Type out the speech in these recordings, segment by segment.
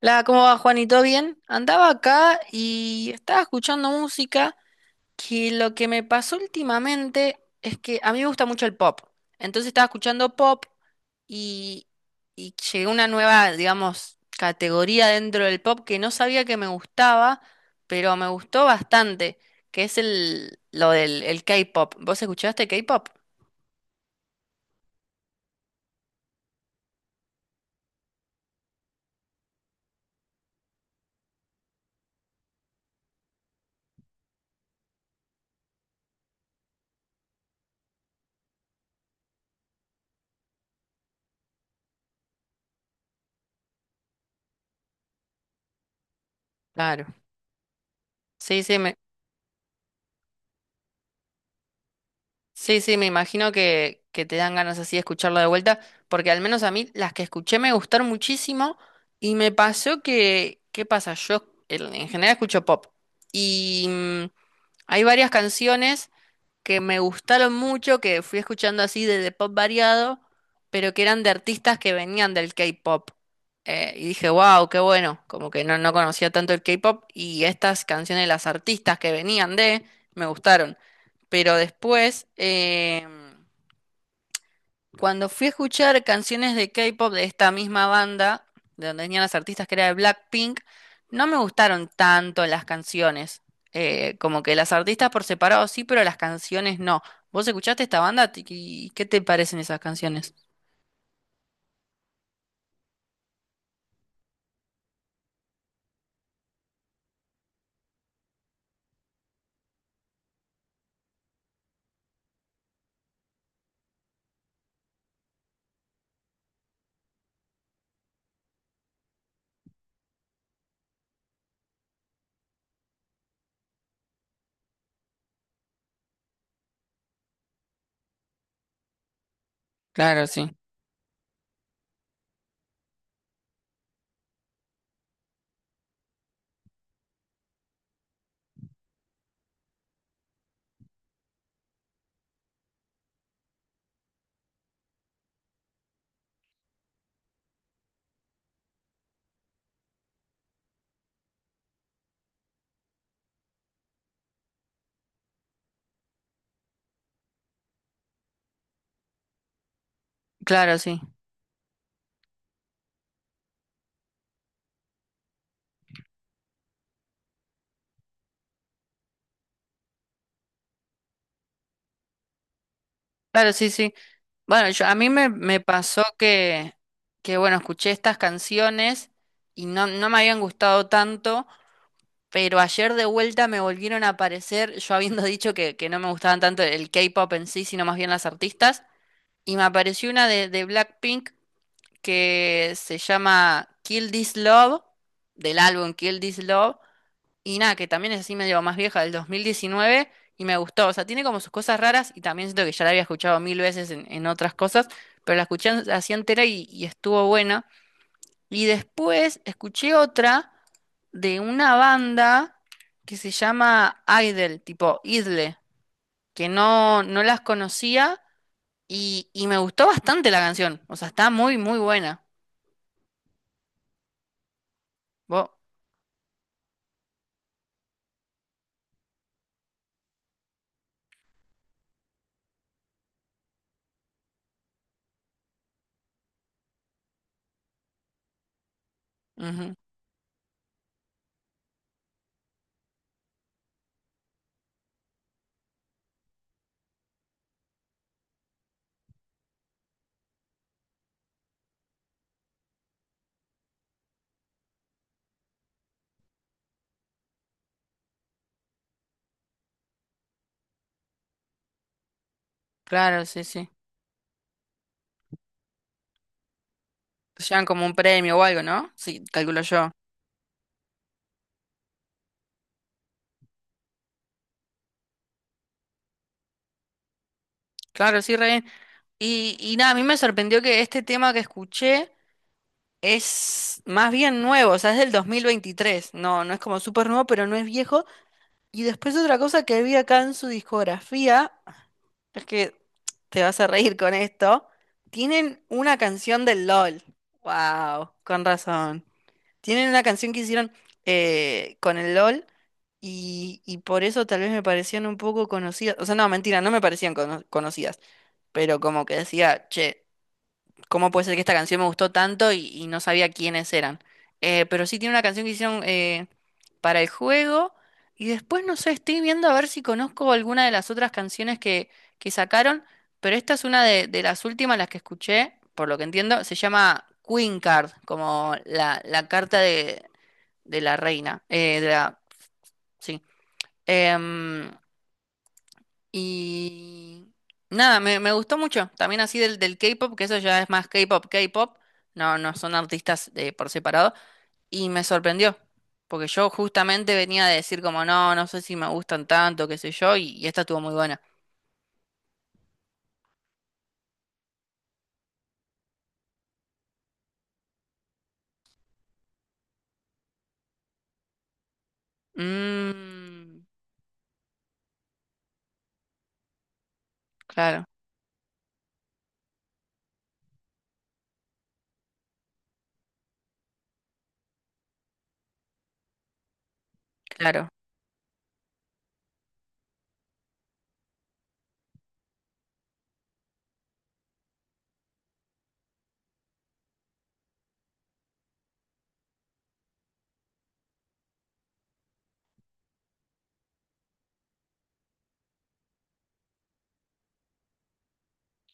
La, ¿cómo va, Juanito? Bien. Andaba acá y estaba escuchando música que lo que me pasó últimamente es que a mí me gusta mucho el pop. Entonces estaba escuchando pop y, y llegué a una nueva, digamos, categoría dentro del pop que no sabía que me gustaba, pero me gustó bastante, que es el, lo del el K-pop. ¿Vos escuchaste K-pop? Claro. Sí, sí, me, Sí, sí, me imagino que te dan ganas así de escucharlo de vuelta, porque al menos a mí las que escuché me gustaron muchísimo y me pasó que, ¿qué pasa? Yo el- en general escucho pop y hay varias canciones que me gustaron mucho, que fui escuchando así de pop variado, pero que eran de artistas que venían del K-pop. Y dije, wow, qué bueno, como que no, no conocía tanto el K-pop y estas canciones de las artistas que venían de, me gustaron. Pero después, cuando fui a escuchar canciones de K-pop de esta misma banda, de donde venían las artistas que era de Blackpink, no me gustaron tanto las canciones. Como que las artistas por separado sí, pero las canciones no. ¿Vos escuchaste esta banda? ¿Y qué te parecen esas canciones? Claro, sí. Claro, sí. Claro, sí, sí. Bueno, yo, a mí me, me pasó que, bueno, escuché estas canciones y no, no me habían gustado tanto. Pero ayer de vuelta me volvieron a aparecer, yo habiendo dicho que no me gustaban tanto el K-pop en sí, sino más bien las artistas, y me apareció una de Blackpink que se llama Kill This Love, del álbum Kill This Love, y nada, que también es así medio más vieja, del 2019, y me gustó. O sea, tiene como sus cosas raras, y también siento que ya la había escuchado mil veces en otras cosas, pero la escuché así entera y estuvo buena. Y después escuché otra de una banda que se llama Idle, tipo Idle, que no, no las conocía y me gustó bastante la canción. O sea, está muy, muy buena. Vos- ujú, claro, sí, sí. Te llevan como un premio o algo, ¿no? Sí, calculo yo. Claro, sí, re bien. Y nada, a mí me sorprendió que este tema que escuché es más bien nuevo, o sea, es del 2023. No, no es como súper nuevo, pero no es viejo. Y después otra cosa que vi acá en su discografía, es que te vas a reír con esto, tienen una canción del LOL. Wow, con razón. Tienen una canción que hicieron con el LOL y por eso tal vez me parecían un poco conocidas. O sea, no, mentira, no me parecían conocidas, pero como que decía, che, cómo puede ser que esta canción me gustó tanto y no sabía quiénes eran. Pero sí tiene una canción que hicieron para el juego. Y después, no sé, estoy viendo a ver si conozco alguna de las otras canciones que sacaron. Pero esta es una de las últimas, las que escuché, por lo que entiendo. Se llama Queen Card, como la carta de la reina. Sí. Em, y nada, me gustó mucho. También así del, del K-pop, que eso ya es más K-pop, K-pop. No, no son artistas por separado. Y me sorprendió. Porque yo justamente venía de decir como, no, no sé si me gustan tanto, qué sé yo, y esta estuvo muy buena. Mm, claro, claro.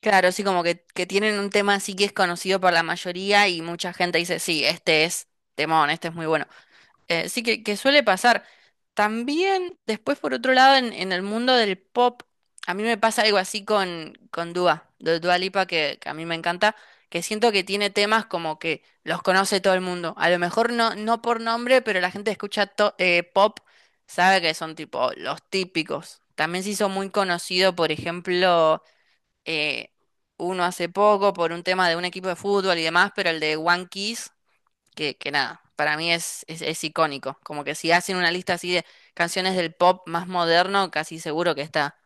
Claro, sí, como que tienen un tema así que es conocido por la mayoría y mucha gente dice, sí, este es temón, este es muy bueno. Sí que suele pasar. También, después, por otro lado, en el mundo del pop, a mí me pasa algo así con Dua, de Dua Lipa, que a mí me encanta, que siento que tiene temas como que los conoce todo el mundo. A lo mejor no, no por nombre, pero la gente escucha pop, sabe que son tipo los típicos. También se hizo muy conocido, por ejemplo, eh, uno hace poco por un tema de un equipo de fútbol y demás, pero el de One Kiss que nada, para mí es icónico. Como que si hacen una lista así de canciones del pop más moderno, casi seguro que está.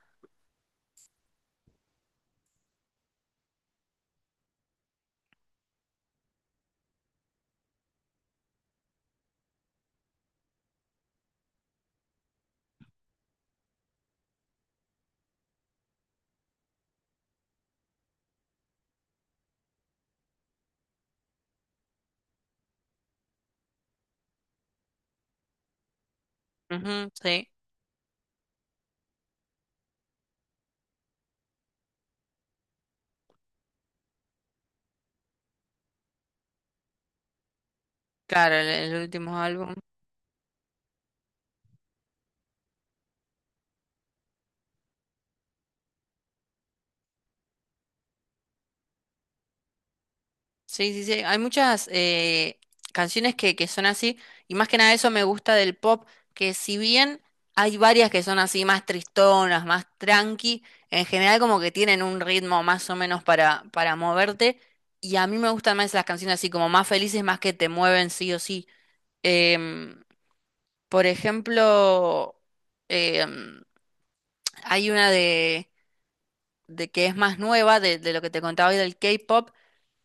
Ujú, sí, claro, el último álbum. Sí, sí, sí. Hay muchas canciones que son así, y más que nada eso me gusta del pop, que si bien hay varias que son así más tristonas, más tranqui, en general como que tienen un ritmo más o menos para moverte, y a mí me gustan más las canciones así como más felices, más que te mueven sí o sí. Em, Por ejemplo, em, hay una de que es más nueva, de lo que te contaba hoy del K-pop,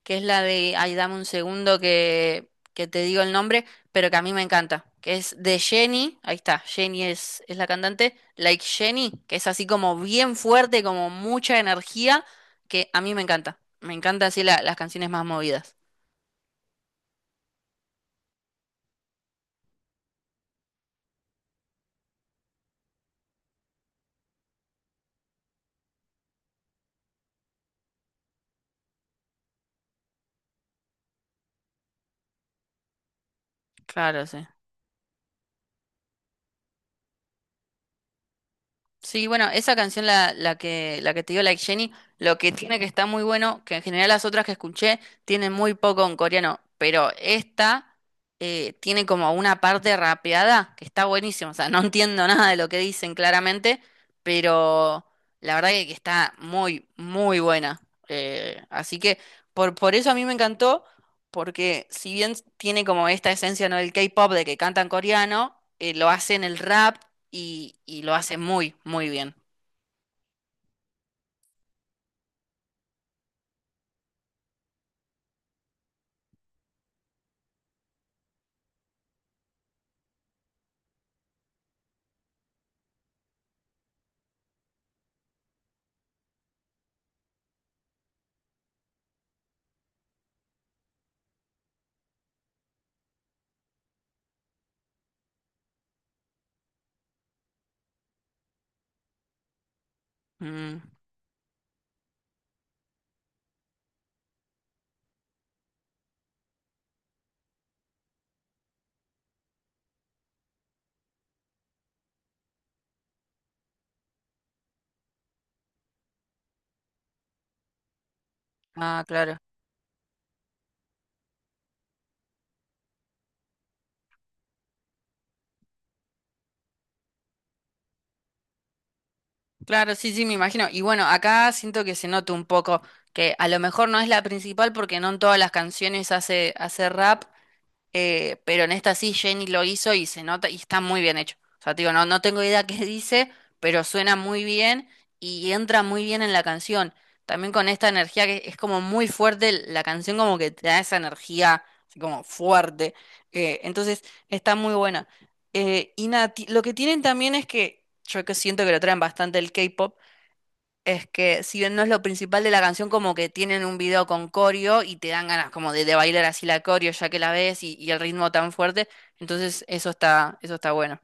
que es la de, ay, dame un segundo que te digo el nombre, pero que a mí me encanta, que es de Jennie, ahí está, Jennie es la cantante, Like Jennie, que es así como bien fuerte, como mucha energía, que a mí me encanta. Me encanta así las canciones más movidas. Claro, sí. Sí, bueno, esa canción, la, la que te dio Like Jenny, lo que tiene que está muy bueno, que en general las otras que escuché tienen muy poco en coreano, pero esta tiene como una parte rapeada que está buenísima, o sea, no entiendo nada de lo que dicen claramente, pero la verdad que está muy, muy buena. Así que por eso a mí me encantó, porque si bien tiene como esta esencia, ¿no? del K-pop de que cantan coreano, lo hacen el rap y lo hace muy, muy bien. Mm, ah, claro. Claro, sí, sí, me imagino. Y bueno, acá siento que se nota un poco que a lo mejor no es la principal porque no en todas las canciones hace, hace rap, pero en esta sí Jenny lo hizo y se nota y está muy bien hecho. O sea, te digo, no, no tengo idea qué dice, pero suena muy bien y entra muy bien en la canción. También con esta energía que es como muy fuerte, la canción como que te da esa energía así como fuerte. Entonces está muy buena. Y nada, ti- lo que tienen también es que yo que siento que lo traen bastante el K-pop, es que si bien no es lo principal de la canción, como que tienen un video con coreo y te dan ganas como de bailar así la coreo ya que la ves y el ritmo tan fuerte, entonces eso está bueno.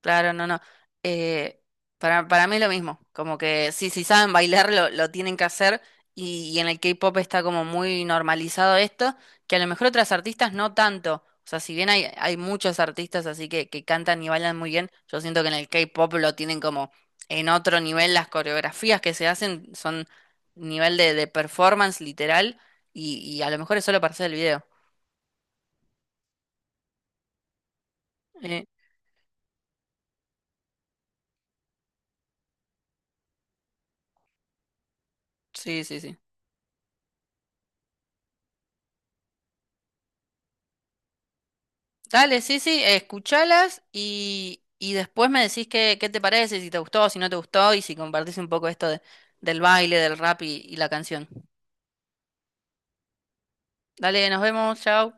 Claro, no, no. Eh, para mí es lo mismo, como que sí, si saben bailar lo tienen que hacer y en el K-pop está como muy normalizado esto, que a lo mejor otras artistas no tanto. O sea, si bien hay, hay muchos artistas así que cantan y bailan muy bien, yo siento que en el K-pop lo tienen como en otro nivel, las coreografías que se hacen son nivel de performance literal y a lo mejor es solo para hacer el video. Eh, sí, sí, sí. Dale, sí, sí, escuchalas y después me decís qué, qué te parece, si te gustó, si no te gustó y si compartís un poco esto de- del baile, del rap y la canción. Dale, nos vemos, chao.